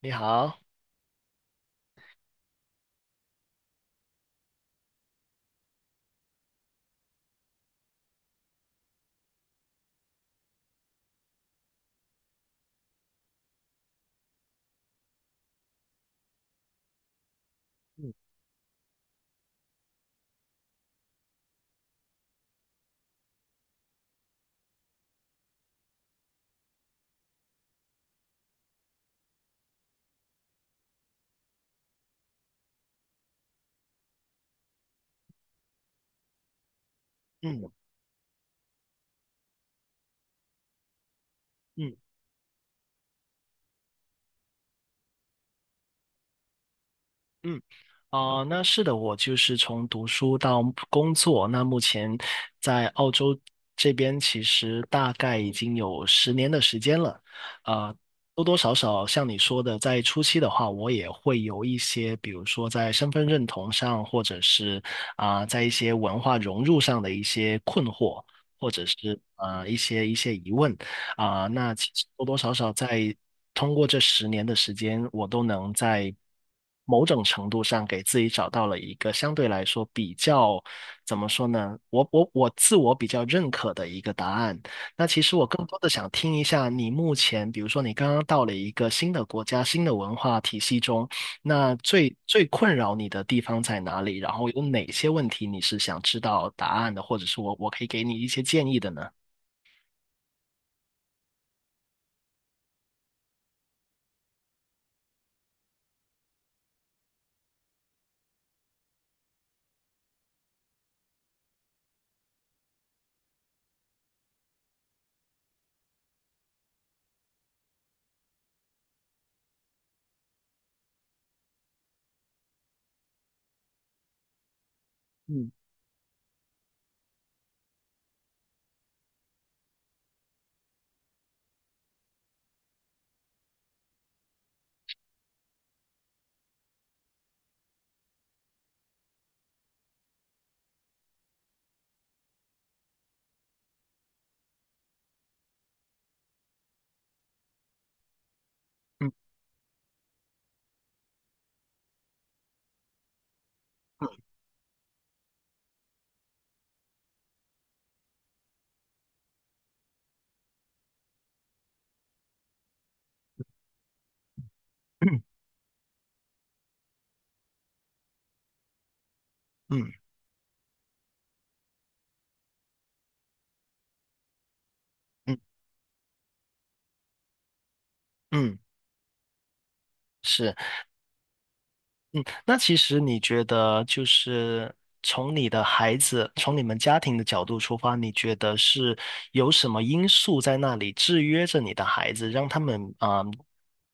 你好。嗯。嗯。嗯。嗯。哦，那是的，我就是从读书到工作，那目前在澳洲这边，其实大概已经有十年的时间了。啊、多多少少像你说的，在初期的话，我也会有一些，比如说在身份认同上，或者是在一些文化融入上的一些困惑，或者是一些疑问。那其实多多少少在通过这十年的时间，我都能在某种程度上给自己找到了一个相对来说比较，怎么说呢？我自我比较认可的一个答案。那其实我更多的想听一下你目前，比如说你刚刚到了一个新的国家、新的文化体系中，那最最困扰你的地方在哪里？然后有哪些问题你是想知道答案的，或者是我可以给你一些建议的呢？嗯。嗯 嗯。嗯。嗯，是。嗯，那其实你觉得，就是从你的孩子，从你们家庭的角度出发，你觉得是有什么因素在那里制约着你的孩子，让他们啊，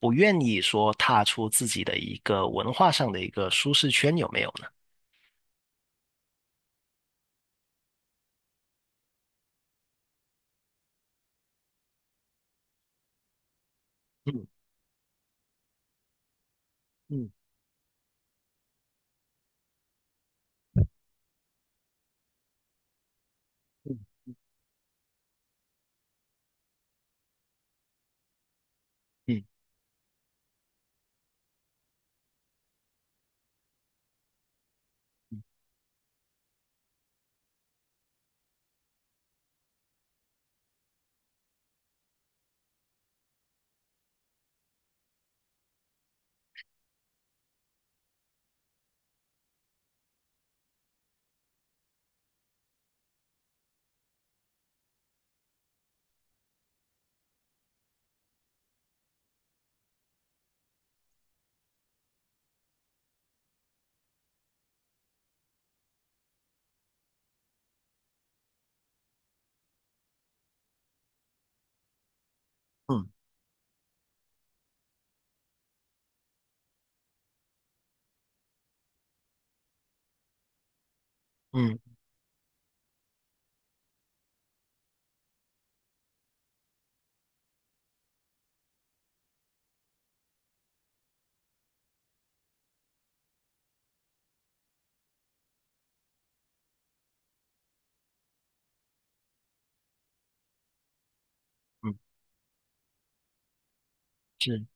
不愿意说踏出自己的一个文化上的一个舒适圈，有没有呢？嗯。嗯。嗯。嗯。嗯。嗯。嗯，是。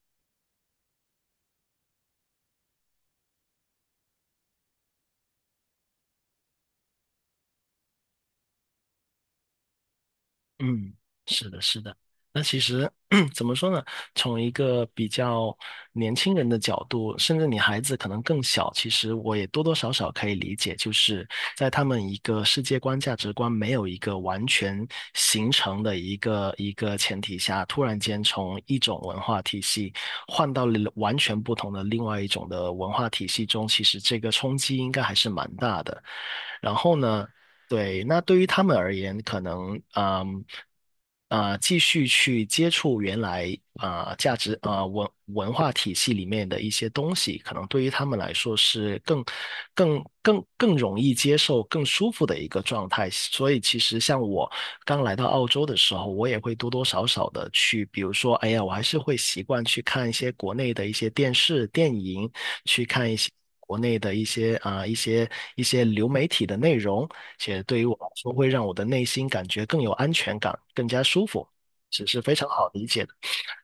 嗯，是的，是的。那其实 怎么说呢？从一个比较年轻人的角度，甚至你孩子可能更小，其实我也多多少少可以理解，就是在他们一个世界观、价值观没有一个完全形成的一个前提下，突然间从一种文化体系换到了完全不同的另外一种的文化体系中，其实这个冲击应该还是蛮大的。然后呢？对，那对于他们而言，可能嗯继续去接触原来价值文化体系里面的一些东西，可能对于他们来说是更容易接受、更舒服的一个状态。所以其实像我刚来到澳洲的时候，我也会多多少少的去，比如说，哎呀，我还是会习惯去看一些国内的一些电视、电影，去看一些国内的一些一些流媒体的内容，且对于我来说会让我的内心感觉更有安全感，更加舒服，只是非常好理解的。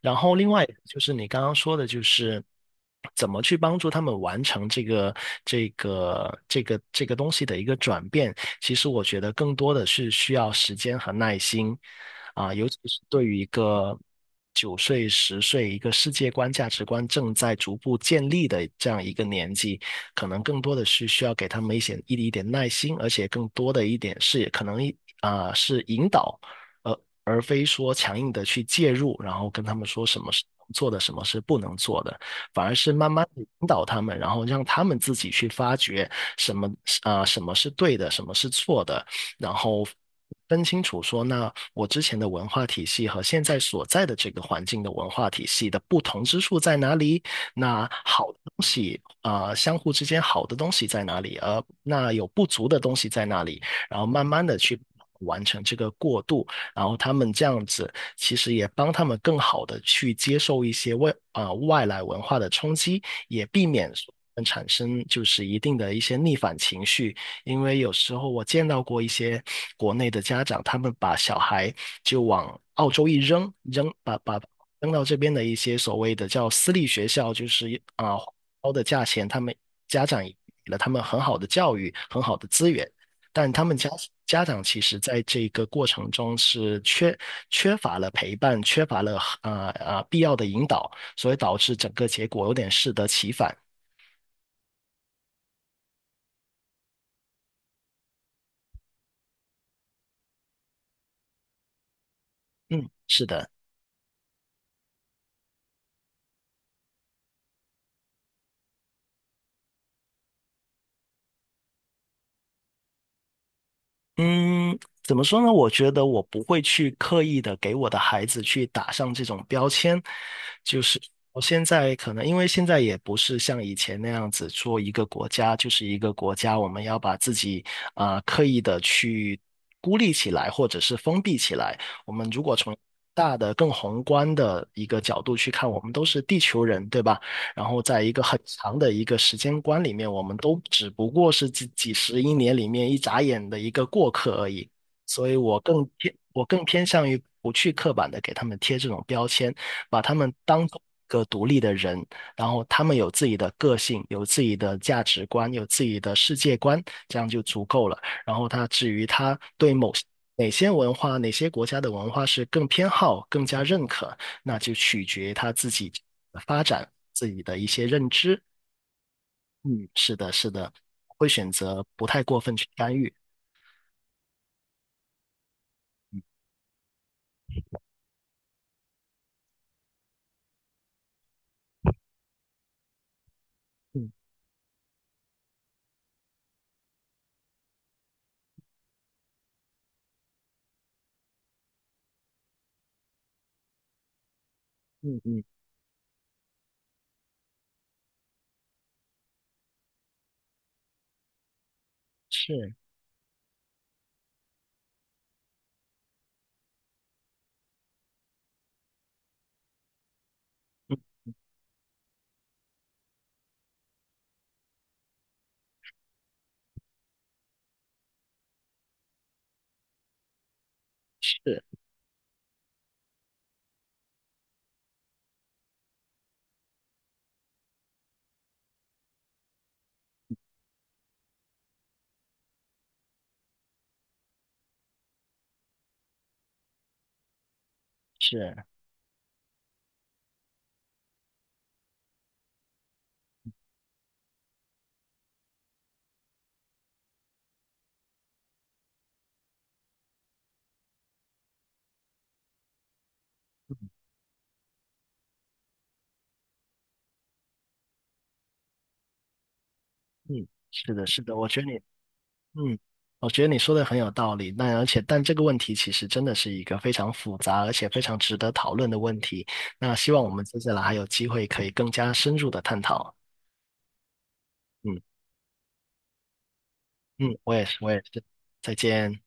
然后另外就是你刚刚说的，就是怎么去帮助他们完成这个东西的一个转变。其实我觉得更多的是需要时间和耐心，啊，尤其是对于一个9岁、10岁一个世界观、价值观正在逐步建立的这样一个年纪，可能更多的是需要给他们一些一点耐心，而且更多的一点是可能是引导呃，而非说强硬的去介入，然后跟他们说什么是做的，什么是不能做的，反而是慢慢地引导他们，然后让他们自己去发掘什么什么是对的，什么是错的，然后分清楚说，那我之前的文化体系和现在所在的这个环境的文化体系的不同之处在哪里？那好的东西相互之间好的东西在哪里？而那有不足的东西在哪里？然后慢慢的去完成这个过渡，然后他们这样子其实也帮他们更好的去接受一些外来文化的冲击，也避免产生就是一定的一些逆反情绪，因为有时候我见到过一些国内的家长，他们把小孩就往澳洲一扔，扔把把扔到这边的一些所谓的叫私立学校，就是啊呃高的价钱，他们家长给了他们很好的教育，很好的资源，但他们家长其实在这个过程中是缺乏了陪伴，缺乏了必要的引导，所以导致整个结果有点适得其反。嗯，是的。嗯，怎么说呢？我觉得我不会去刻意的给我的孩子去打上这种标签，就是我现在可能因为现在也不是像以前那样子做一个国家就是一个国家，我们要把自己刻意的去孤立起来或者是封闭起来。我们如果从大的、更宏观的一个角度去看，我们都是地球人，对吧？然后在一个很长的一个时间观里面，我们都只不过是几十亿年里面一眨眼的一个过客而已。所以我更偏向于不去刻板的给他们贴这种标签，把他们当做一个独立的人，然后他们有自己的个性，有自己的价值观，有自己的世界观，这样就足够了。然后至于他对某哪些文化、哪些国家的文化是更偏好、更加认可，那就取决他自己发展自己的一些认知。嗯，是的，是的，会选择不太过分去干预。嗯。嗯。嗯，是是是。嗯，是的，是的，我觉得你，嗯，我觉得你说的很有道理。那而且，但这个问题其实真的是一个非常复杂，而且非常值得讨论的问题。那希望我们接下来还有机会可以更加深入的探讨。嗯。嗯，我也是，我也是，再见。